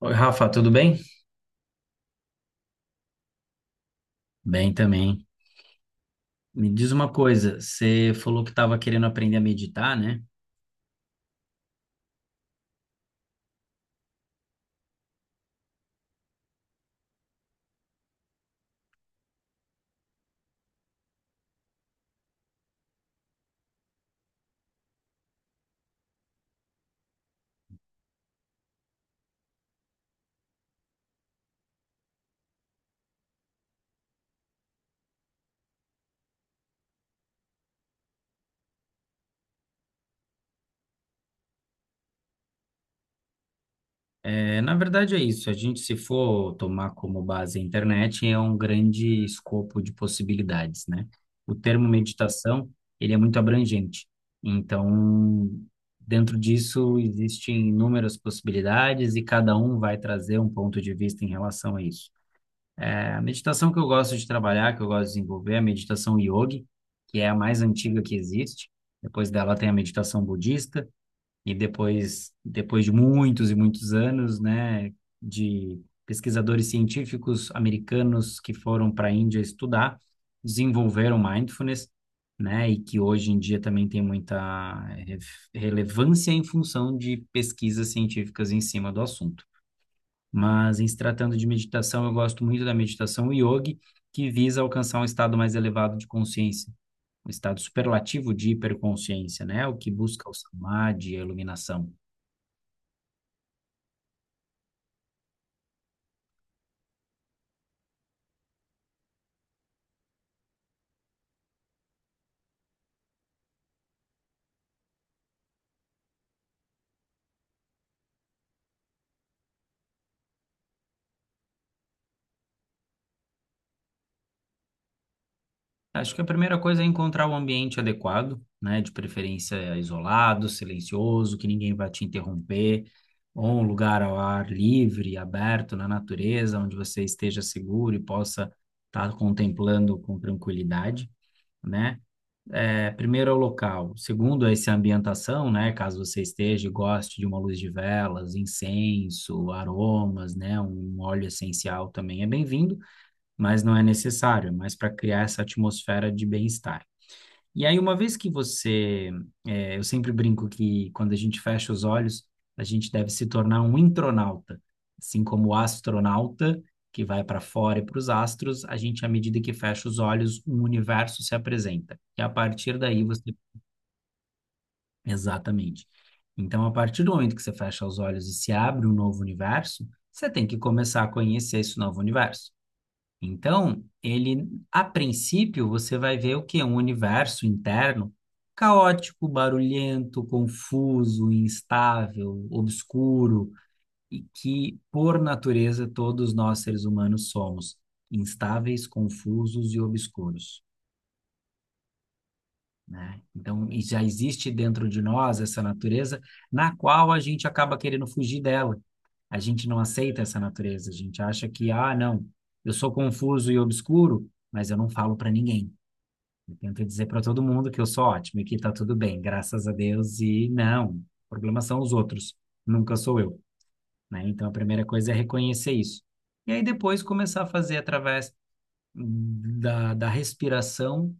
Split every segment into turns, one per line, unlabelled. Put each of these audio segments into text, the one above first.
Oi, Rafa, tudo bem? Bem também. Me diz uma coisa, você falou que estava querendo aprender a meditar, né? É, na verdade é isso, a gente se for tomar como base a internet, é um grande escopo de possibilidades, né? O termo meditação, ele é muito abrangente. Então, dentro disso existem inúmeras possibilidades e cada um vai trazer um ponto de vista em relação a isso. A meditação que eu gosto de trabalhar, que eu gosto de desenvolver, é a meditação yogi, que é a mais antiga que existe. Depois dela tem a meditação budista, e depois, depois de muitos e muitos anos, né, de pesquisadores científicos americanos que foram para a Índia estudar, desenvolveram mindfulness, né, e que hoje em dia também tem muita relevância em função de pesquisas científicas em cima do assunto. Mas em se tratando de meditação, eu gosto muito da meditação yogi, que visa alcançar um estado mais elevado de consciência, um estado superlativo de hiperconsciência, né? O que busca o samadhi, a iluminação. Acho que a primeira coisa é encontrar o ambiente adequado, né? De preferência isolado, silencioso, que ninguém vai te interromper, ou um lugar ao ar livre, aberto, na natureza, onde você esteja seguro e possa estar contemplando com tranquilidade, né? Primeiro é o local, segundo é essa ambientação, né? Caso você esteja e goste de uma luz de velas, incenso, aromas, né? Um óleo essencial também é bem-vindo, mas não é necessário, é mais para criar essa atmosfera de bem-estar. E aí, uma vez que você, eu sempre brinco que quando a gente fecha os olhos, a gente deve se tornar um intronauta, assim como o astronauta que vai para fora e para os astros, a gente, à medida que fecha os olhos, um universo se apresenta. E a partir daí você, exatamente. Então, a partir do momento que você fecha os olhos e se abre um novo universo, você tem que começar a conhecer esse novo universo. Então, ele, a princípio, você vai ver o quê? Um universo interno caótico, barulhento, confuso, instável, obscuro, e que, por natureza, todos nós seres humanos somos instáveis, confusos e obscuros, né? Então, e já existe dentro de nós essa natureza na qual a gente acaba querendo fugir dela. A gente não aceita essa natureza, a gente acha que, ah, não, eu sou confuso e obscuro, mas eu não falo para ninguém. Eu tento dizer para todo mundo que eu sou ótimo e que tá tudo bem, graças a Deus, e não, o problema são os outros, nunca sou eu, né? Então, a primeira coisa é reconhecer isso. E aí depois começar a fazer através da respiração,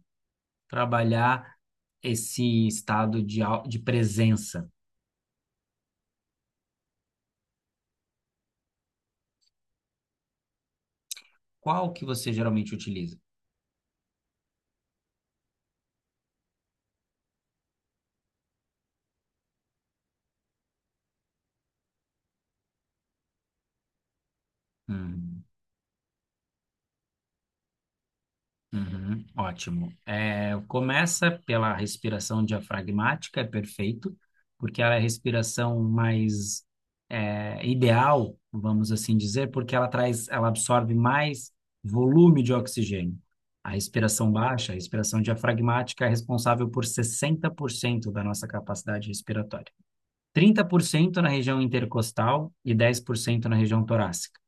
trabalhar esse estado de presença. Qual que você geralmente utiliza? Hum, uhum, ótimo. Começa pela respiração diafragmática, é perfeito, porque ela é a respiração mais ideal, vamos assim dizer, porque ela traz, ela absorve mais volume de oxigênio. A respiração baixa, a respiração diafragmática, é responsável por 60% da nossa capacidade respiratória. 30% na região intercostal e 10% na região torácica.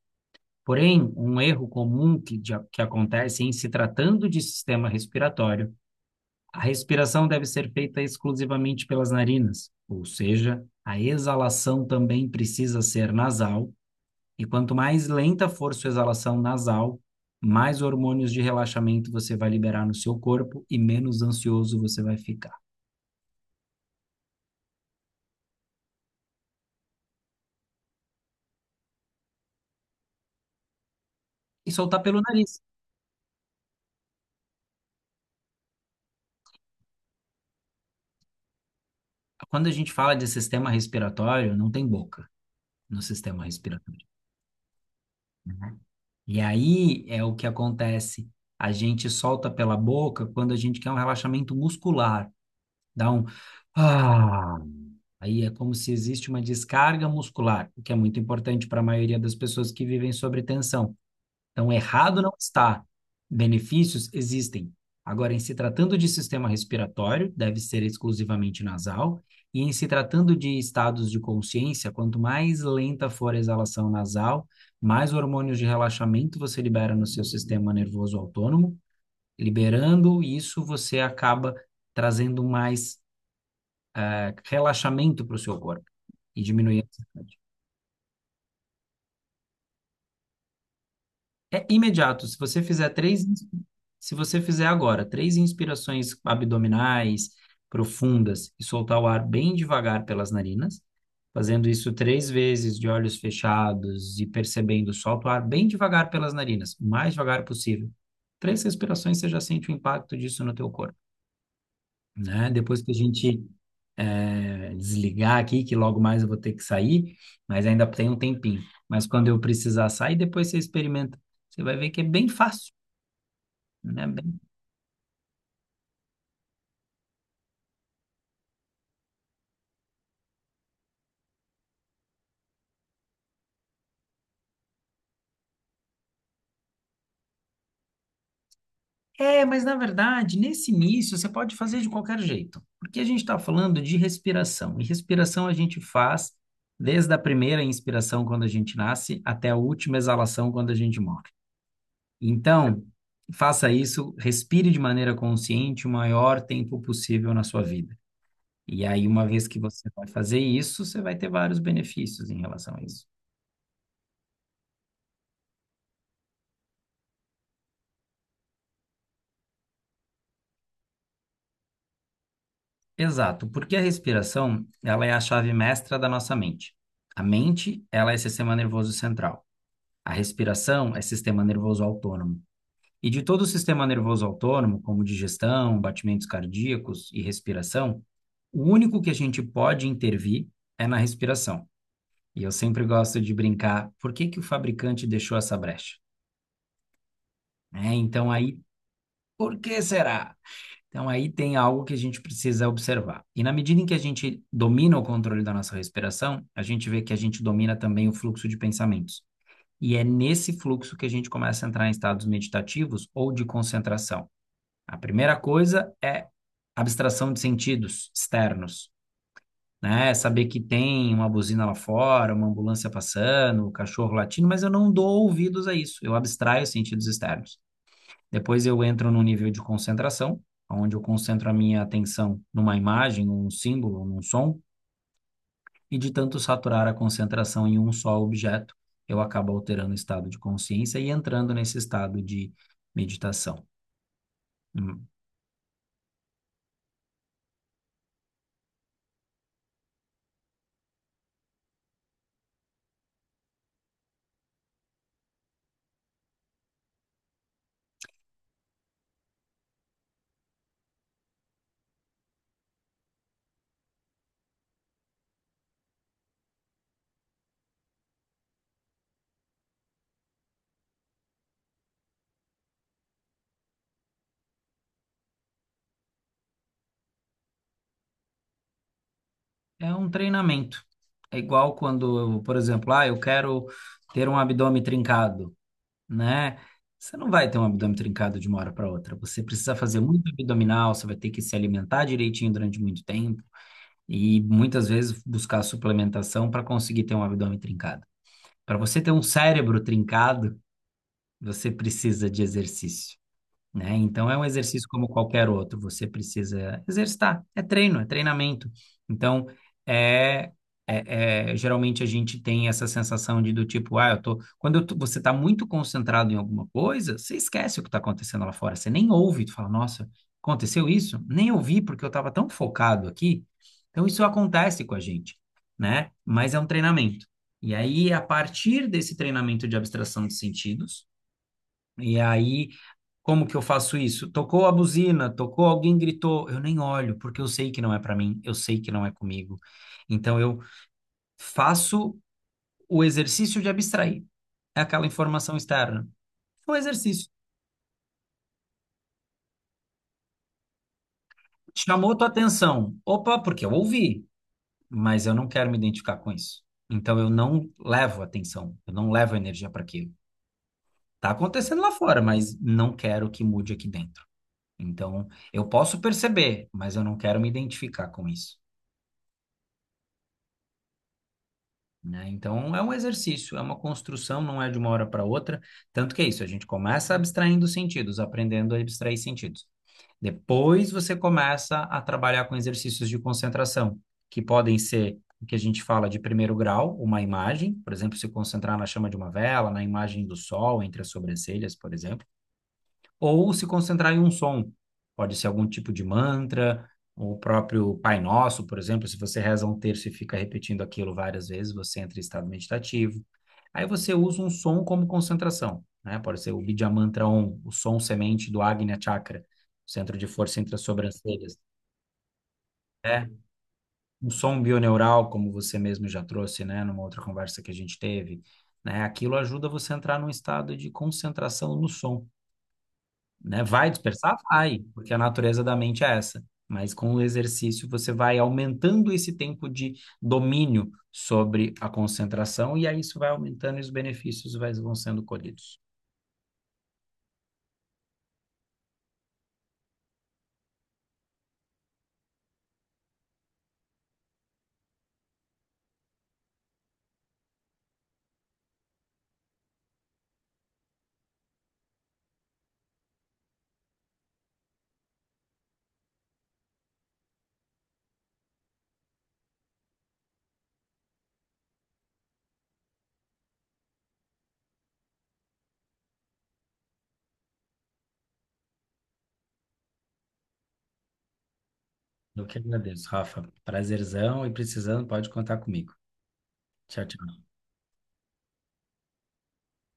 Porém, um erro comum que, que acontece em se tratando de sistema respiratório, a respiração deve ser feita exclusivamente pelas narinas, ou seja, a exalação também precisa ser nasal, e quanto mais lenta for sua exalação nasal, mais hormônios de relaxamento você vai liberar no seu corpo e menos ansioso você vai ficar. E soltar pelo nariz. Quando a gente fala de sistema respiratório, não tem boca no sistema respiratório, né? E aí é o que acontece. A gente solta pela boca quando a gente quer um relaxamento muscular. Dá um. Ah, aí é como se existe uma descarga muscular, o que é muito importante para a maioria das pessoas que vivem sob tensão. Então, errado não está. Benefícios existem. Agora, em se tratando de sistema respiratório, deve ser exclusivamente nasal, e em se tratando de estados de consciência, quanto mais lenta for a exalação nasal, mais hormônios de relaxamento você libera no seu sistema nervoso autônomo. Liberando isso, você acaba trazendo mais, relaxamento para o seu corpo e diminuindo a ansiedade. É imediato. Se você fizer três, ins- se você fizer agora 3 inspirações abdominais profundas e soltar o ar bem devagar pelas narinas, fazendo isso 3 vezes de olhos fechados e percebendo, solta o ar bem devagar pelas narinas, o mais devagar possível. 3 respirações você já sente o impacto disso no teu corpo, né? Depois que a gente desligar aqui, que logo mais eu vou ter que sair, mas ainda tem um tempinho. Mas quando eu precisar sair, depois você experimenta. Você vai ver que é bem fácil, né? É, mas na verdade, nesse início, você pode fazer de qualquer jeito, porque a gente está falando de respiração, e respiração a gente faz desde a primeira inspiração quando a gente nasce até a última exalação quando a gente morre. Então, faça isso, respire de maneira consciente o maior tempo possível na sua vida. E aí, uma vez que você vai fazer isso, você vai ter vários benefícios em relação a isso. Exato, porque a respiração, ela é a chave mestra da nossa mente. A mente, ela é sistema nervoso central. A respiração é sistema nervoso autônomo. E de todo o sistema nervoso autônomo, como digestão, batimentos cardíacos e respiração, o único que a gente pode intervir é na respiração. E eu sempre gosto de brincar, por que que o fabricante deixou essa brecha, né? Então aí, por que será? Então, aí tem algo que a gente precisa observar. E na medida em que a gente domina o controle da nossa respiração, a gente vê que a gente domina também o fluxo de pensamentos. E é nesse fluxo que a gente começa a entrar em estados meditativos ou de concentração. A primeira coisa é abstração de sentidos externos, né? É saber que tem uma buzina lá fora, uma ambulância passando, o cachorro latindo, mas eu não dou ouvidos a isso, eu abstraio os sentidos externos. Depois eu entro no nível de concentração, onde eu concentro a minha atenção numa imagem, num símbolo, num som, e de tanto saturar a concentração em um só objeto, eu acabo alterando o estado de consciência e entrando nesse estado de meditação. Hum, É um treinamento. É igual quando, por exemplo, ah, eu quero ter um abdômen trincado, né? Você não vai ter um abdômen trincado de uma hora para outra. Você precisa fazer muito abdominal, você vai ter que se alimentar direitinho durante muito tempo, e muitas vezes buscar suplementação para conseguir ter um abdômen trincado. Para você ter um cérebro trincado, você precisa de exercício, né? Então é um exercício como qualquer outro, você precisa exercitar, é treino, é treinamento. Então é, geralmente a gente tem essa sensação de do tipo, ah, eu tô, quando eu tô- você está muito concentrado em alguma coisa, você esquece o que está acontecendo lá fora, você nem ouve, tu fala, nossa, aconteceu isso? Nem ouvi porque eu estava tão focado aqui. Então isso acontece com a gente, né? Mas é um treinamento. E aí, a partir desse treinamento de abstração de sentidos, e aí como que eu faço isso? Tocou a buzina, tocou, alguém gritou, eu nem olho, porque eu sei que não é para mim, eu sei que não é comigo. Então eu faço o exercício de abstrair é aquela informação externa. É um exercício. Chamou tua atenção. Opa, porque eu ouvi, mas eu não quero me identificar com isso. Então eu não levo atenção, eu não levo energia para aquilo. Tá acontecendo lá fora, mas não quero que mude aqui dentro. Então eu posso perceber, mas eu não quero me identificar com isso. Né? Então é um exercício, é uma construção, não é de uma hora para outra. Tanto que é isso, a gente começa abstraindo sentidos, aprendendo a abstrair sentidos. Depois você começa a trabalhar com exercícios de concentração, que podem ser o que a gente fala de primeiro grau, uma imagem, por exemplo, se concentrar na chama de uma vela, na imagem do sol entre as sobrancelhas, por exemplo, ou se concentrar em um som. Pode ser algum tipo de mantra, o próprio Pai Nosso, por exemplo, se você reza um terço e fica repetindo aquilo várias vezes, você entra em estado meditativo. Aí você usa um som como concentração, né? Pode ser o Vidya Mantra Om, o som semente do Agnya Chakra, centro de força entre as sobrancelhas. Né? Um som bioneural, como você mesmo já trouxe, né, numa outra conversa que a gente teve, né? Aquilo ajuda você a entrar num estado de concentração no som. Né? Vai dispersar? Vai, porque a natureza da mente é essa. Mas com o exercício você vai aumentando esse tempo de domínio sobre a concentração e aí isso vai aumentando e os benefícios vão sendo colhidos. Eu que agradeço, Rafa. Prazerzão e precisando, pode contar comigo. Tchau, tchau.